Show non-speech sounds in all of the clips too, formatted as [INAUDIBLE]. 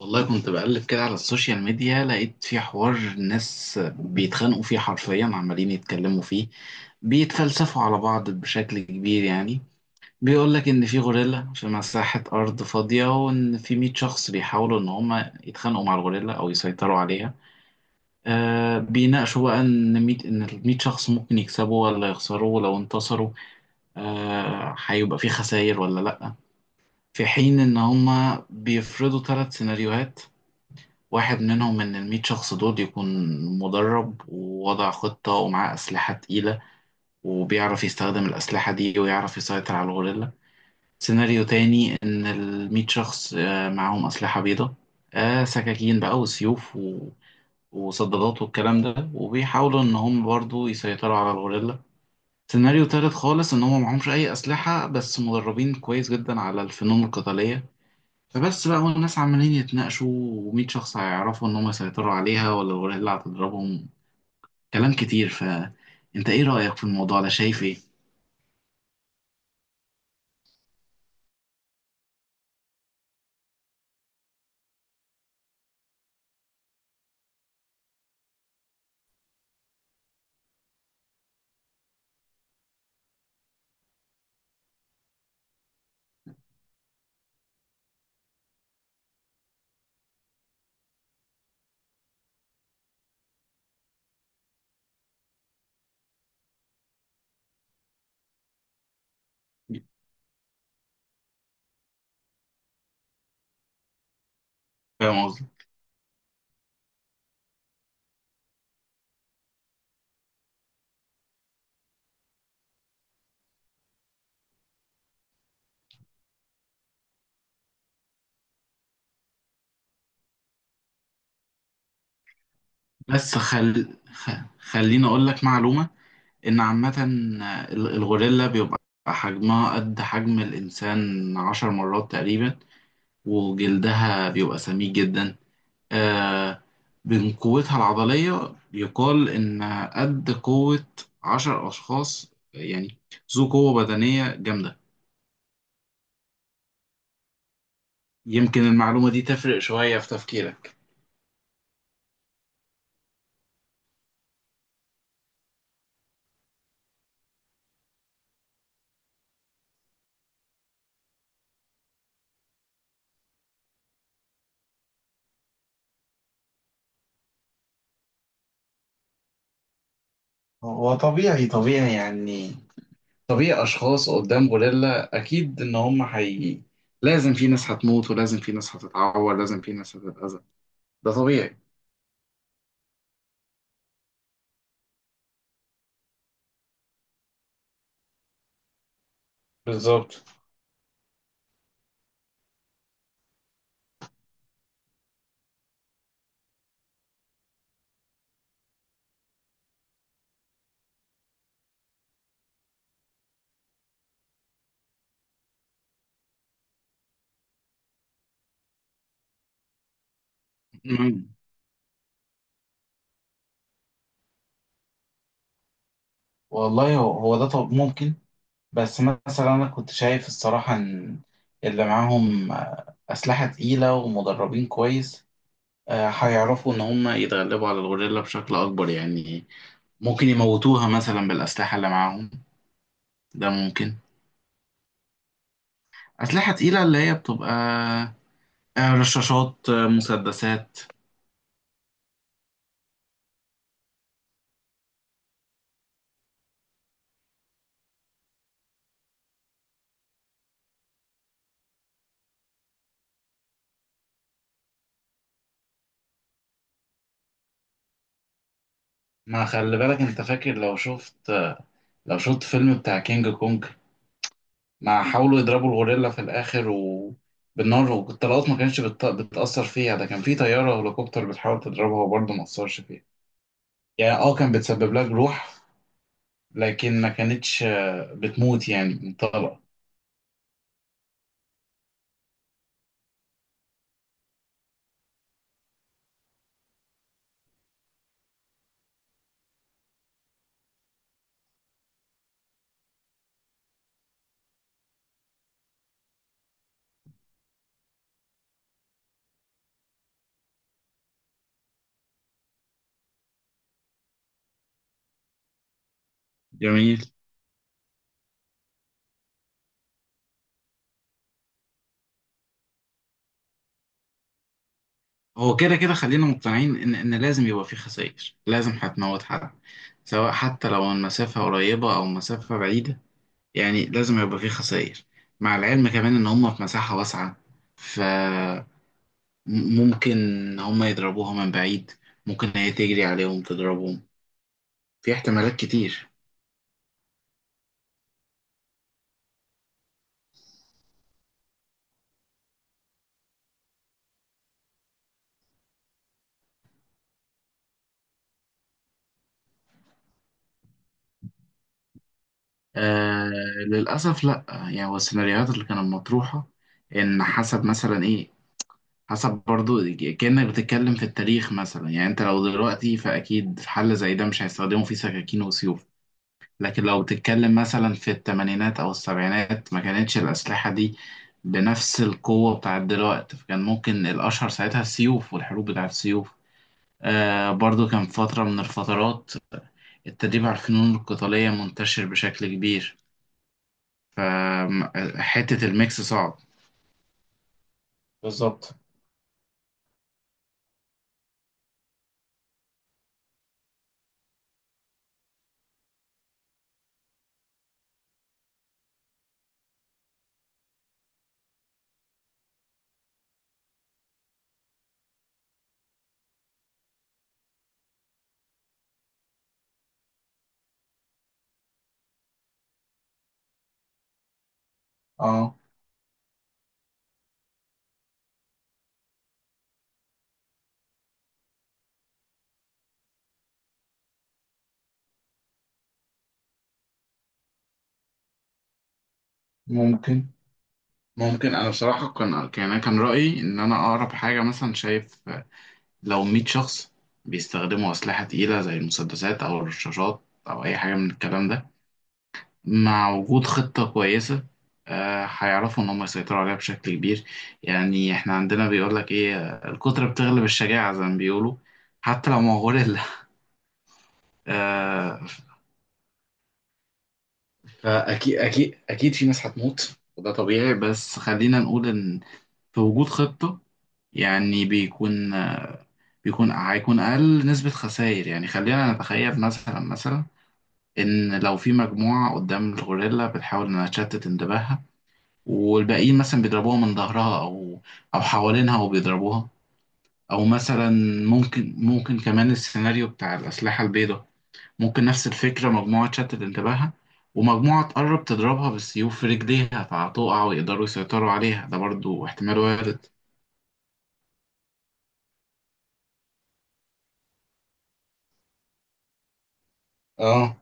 والله كنت بقلب كده على السوشيال ميديا، لقيت في حوار ناس بيتخانقوا فيه حرفيا، عمالين يتكلموا فيه، بيتفلسفوا على بعض بشكل كبير يعني. بيقول لك ان في غوريلا في مساحة ارض فاضية، وان في 100 شخص بيحاولوا ان هما يتخانقوا مع الغوريلا او يسيطروا عليها. بيناقشوا بقى ان ال 100 شخص ممكن يكسبوا ولا يخسروا، ولو انتصروا هيبقى في خسائر ولا لا. في حين ان هما بيفرضوا 3 سيناريوهات: واحد منهم من الميت شخص دول يكون مدرب، ووضع خطة، ومعاه أسلحة تقيلة، وبيعرف يستخدم الأسلحة دي، ويعرف يسيطر على الغوريلا. سيناريو تاني، إن الميت شخص معاهم أسلحة بيضة، سكاكين بقى وسيوف وصدادات والكلام ده، وبيحاولوا إن هم برضو يسيطروا على الغوريلا. سيناريو تالت خالص، إن هم معهمش أي أسلحة بس مدربين كويس جدا على الفنون القتالية. فبس بقى، والناس عمالين يتناقشوا، و100 شخص هيعرفوا إن هم يسيطروا عليها ولا الغوريلا اللي هتضربهم. كلام كتير. فأنت إيه رأيك في الموضوع ده؟ شايف إيه؟ فاهم قصدي؟ بس خليني أقول لك معلومة. إن عامة الغوريلا بيبقى حجمها قد حجم الإنسان 10 مرات تقريبا، وجلدها بيبقى سميك جدا. آه، من قوتها العضلية يقال إن قد قوة 10 أشخاص، يعني ذو قوة بدنية جامدة. يمكن المعلومة دي تفرق شوية في تفكيرك. هو طبيعي طبيعي يعني، طبيعي أشخاص قدام غوريلا، أكيد إن هم حي لازم في ناس هتموت، ولازم في ناس هتتعور، لازم في ناس هتتأذى. ده طبيعي. بالظبط. مم. والله هو هو ده. طب ممكن، بس مثلا أنا كنت شايف الصراحة إن اللي معاهم أسلحة تقيلة ومدربين كويس، هيعرفوا إن هم يتغلبوا على الغوريلا بشكل أكبر يعني. ممكن يموتوها مثلا بالأسلحة اللي معاهم. ده ممكن. أسلحة تقيلة اللي هي بتبقى رشاشات، مسدسات. ما خلي بالك، أنت فاكر لو شفت فيلم بتاع كينج كونج، ما حاولوا يضربوا الغوريلا في الآخر بالنار والطلقات، ما كانتش بتأثر فيها؟ ده كان في طيارة هليكوبتر بتحاول تضربها، وبرضه ما أثرش فيها. يعني كان بتسبب لها جروح، لكن ما كانتش بتموت يعني من طلقة. جميل. هو كده كده، خلينا مقتنعين ان لازم يبقى في خسائر، لازم هتموت حد، سواء حتى لو المسافة قريبة او مسافة بعيدة. يعني لازم يبقى في خسائر. مع العلم كمان ان هم في مساحة واسعة، ممكن هما يضربوها من بعيد، ممكن هي تجري عليهم تضربهم. في احتمالات كتير. آه للأسف لأ، يعني هو السيناريوهات اللي كانت مطروحة، إن حسب مثلا إيه، حسب برضو، كأنك بتتكلم في التاريخ مثلا. يعني أنت لو دلوقتي فأكيد في حل زي ده مش هيستخدموا فيه سكاكين وسيوف، لكن لو بتتكلم مثلا في التمانينات أو السبعينات، ما كانتش الأسلحة دي بنفس القوة بتاعت دلوقتي، فكان ممكن الأشهر ساعتها السيوف والحروب بتاعت السيوف. برضو كان فترة من الفترات التدريب على الفنون القتالية منتشر بشكل كبير. آم، حتة الميكس صعب. بالظبط. اه ممكن ممكن. أنا بصراحة كان رأيي إن أنا أقرب حاجة مثلا شايف، لو 100 شخص بيستخدموا أسلحة تقيلة زي المسدسات أو الرشاشات أو أي حاجة من الكلام ده، مع وجود خطة كويسة، هيعرفوا إن هم يسيطروا عليها بشكل كبير يعني. إحنا عندنا بيقولك إيه، الكترة بتغلب الشجاعة زي ما بيقولوا، حتى لو ما هو غوريلا [LAUGHS] آه، فأكيد أكيد أكيد في ناس هتموت وده طبيعي، بس خلينا نقول إن في وجود خطة، يعني بيكون آه، بيكون هيكون أقل نسبة خسائر. يعني خلينا نتخيل مثلا إن لو في مجموعة قدام الغوريلا بتحاول إنها تشتت انتباهها، والباقيين مثلا بيضربوها من ظهرها او حوالينها وبيضربوها، او مثلا ممكن كمان السيناريو بتاع الاسلحه البيضاء، ممكن نفس الفكره، مجموعه تشتت انتباهها، ومجموعه تقرب تضربها بالسيوف في رجليها، فهتقع ويقدروا يسيطروا عليها. ده برضو احتمال وارد. اه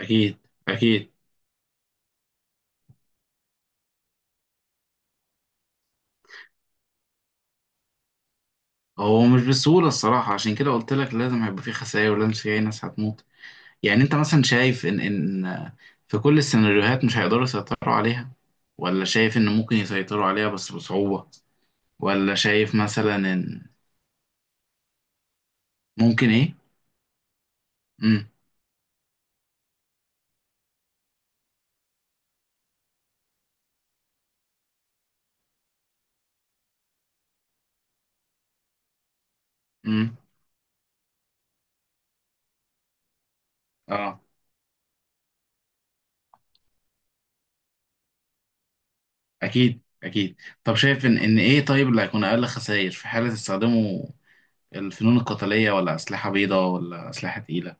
اكيد اكيد. هو مش بسهوله الصراحه، عشان كده قلت لك لازم هيبقى في خسائر، ولازم في ناس هتموت. يعني انت مثلا شايف ان في كل السيناريوهات مش هيقدروا يسيطروا عليها، ولا شايف ان ممكن يسيطروا عليها بس بصعوبة، ولا شايف مثلا ان ممكن ايه؟ امم امم اه اكيد اكيد. طب شايف ان ايه، طيب اللي هيكون اقل خسائر في حالة استخدموا الفنون القتالية، ولا اسلحة بيضاء، ولا اسلحة تقيلة؟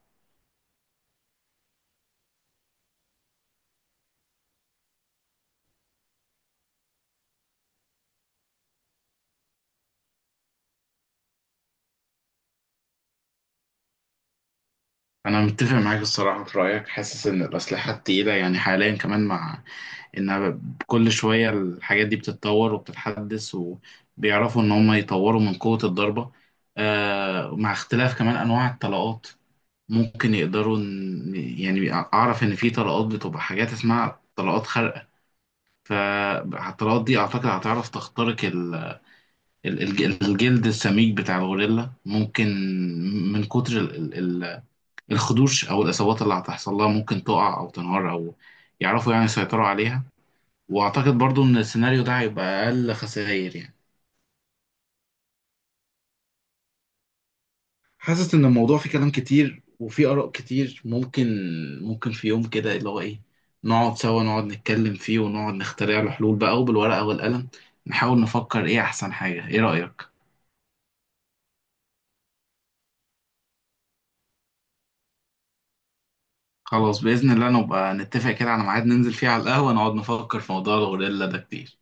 انا متفق معاك الصراحة في رأيك، حاسس ان الاسلحة التقيلة يعني حاليا كمان، مع ان كل شوية الحاجات دي بتتطور وبتتحدث، وبيعرفوا ان هم يطوروا من قوة الضربة، مع اختلاف كمان انواع الطلقات، ممكن يقدروا يعني اعرف ان في طلقات بتبقى حاجات اسمها طلقات خارقة، فالطلقات دي اعتقد هتعرف تخترق الجلد السميك بتاع الغوريلا. ممكن من كتر الخدوش او الاصابات اللي هتحصل لها، ممكن تقع او تنهار او يعرفوا يعني يسيطروا عليها. واعتقد برضو ان السيناريو ده هيبقى اقل خسائر يعني. حاسس ان الموضوع فيه كلام كتير وفيه اراء كتير، ممكن في يوم كده اللي هو ايه، نقعد سوا نقعد نتكلم فيه، ونقعد نخترع له حلول بقى، وبالورقة والقلم نحاول نفكر ايه احسن حاجة. ايه رأيك؟ خلاص، بإذن الله نبقى نتفق كده على ميعاد ننزل فيه على القهوة، نقعد نفكر في موضوع الغوريلا ده كتير.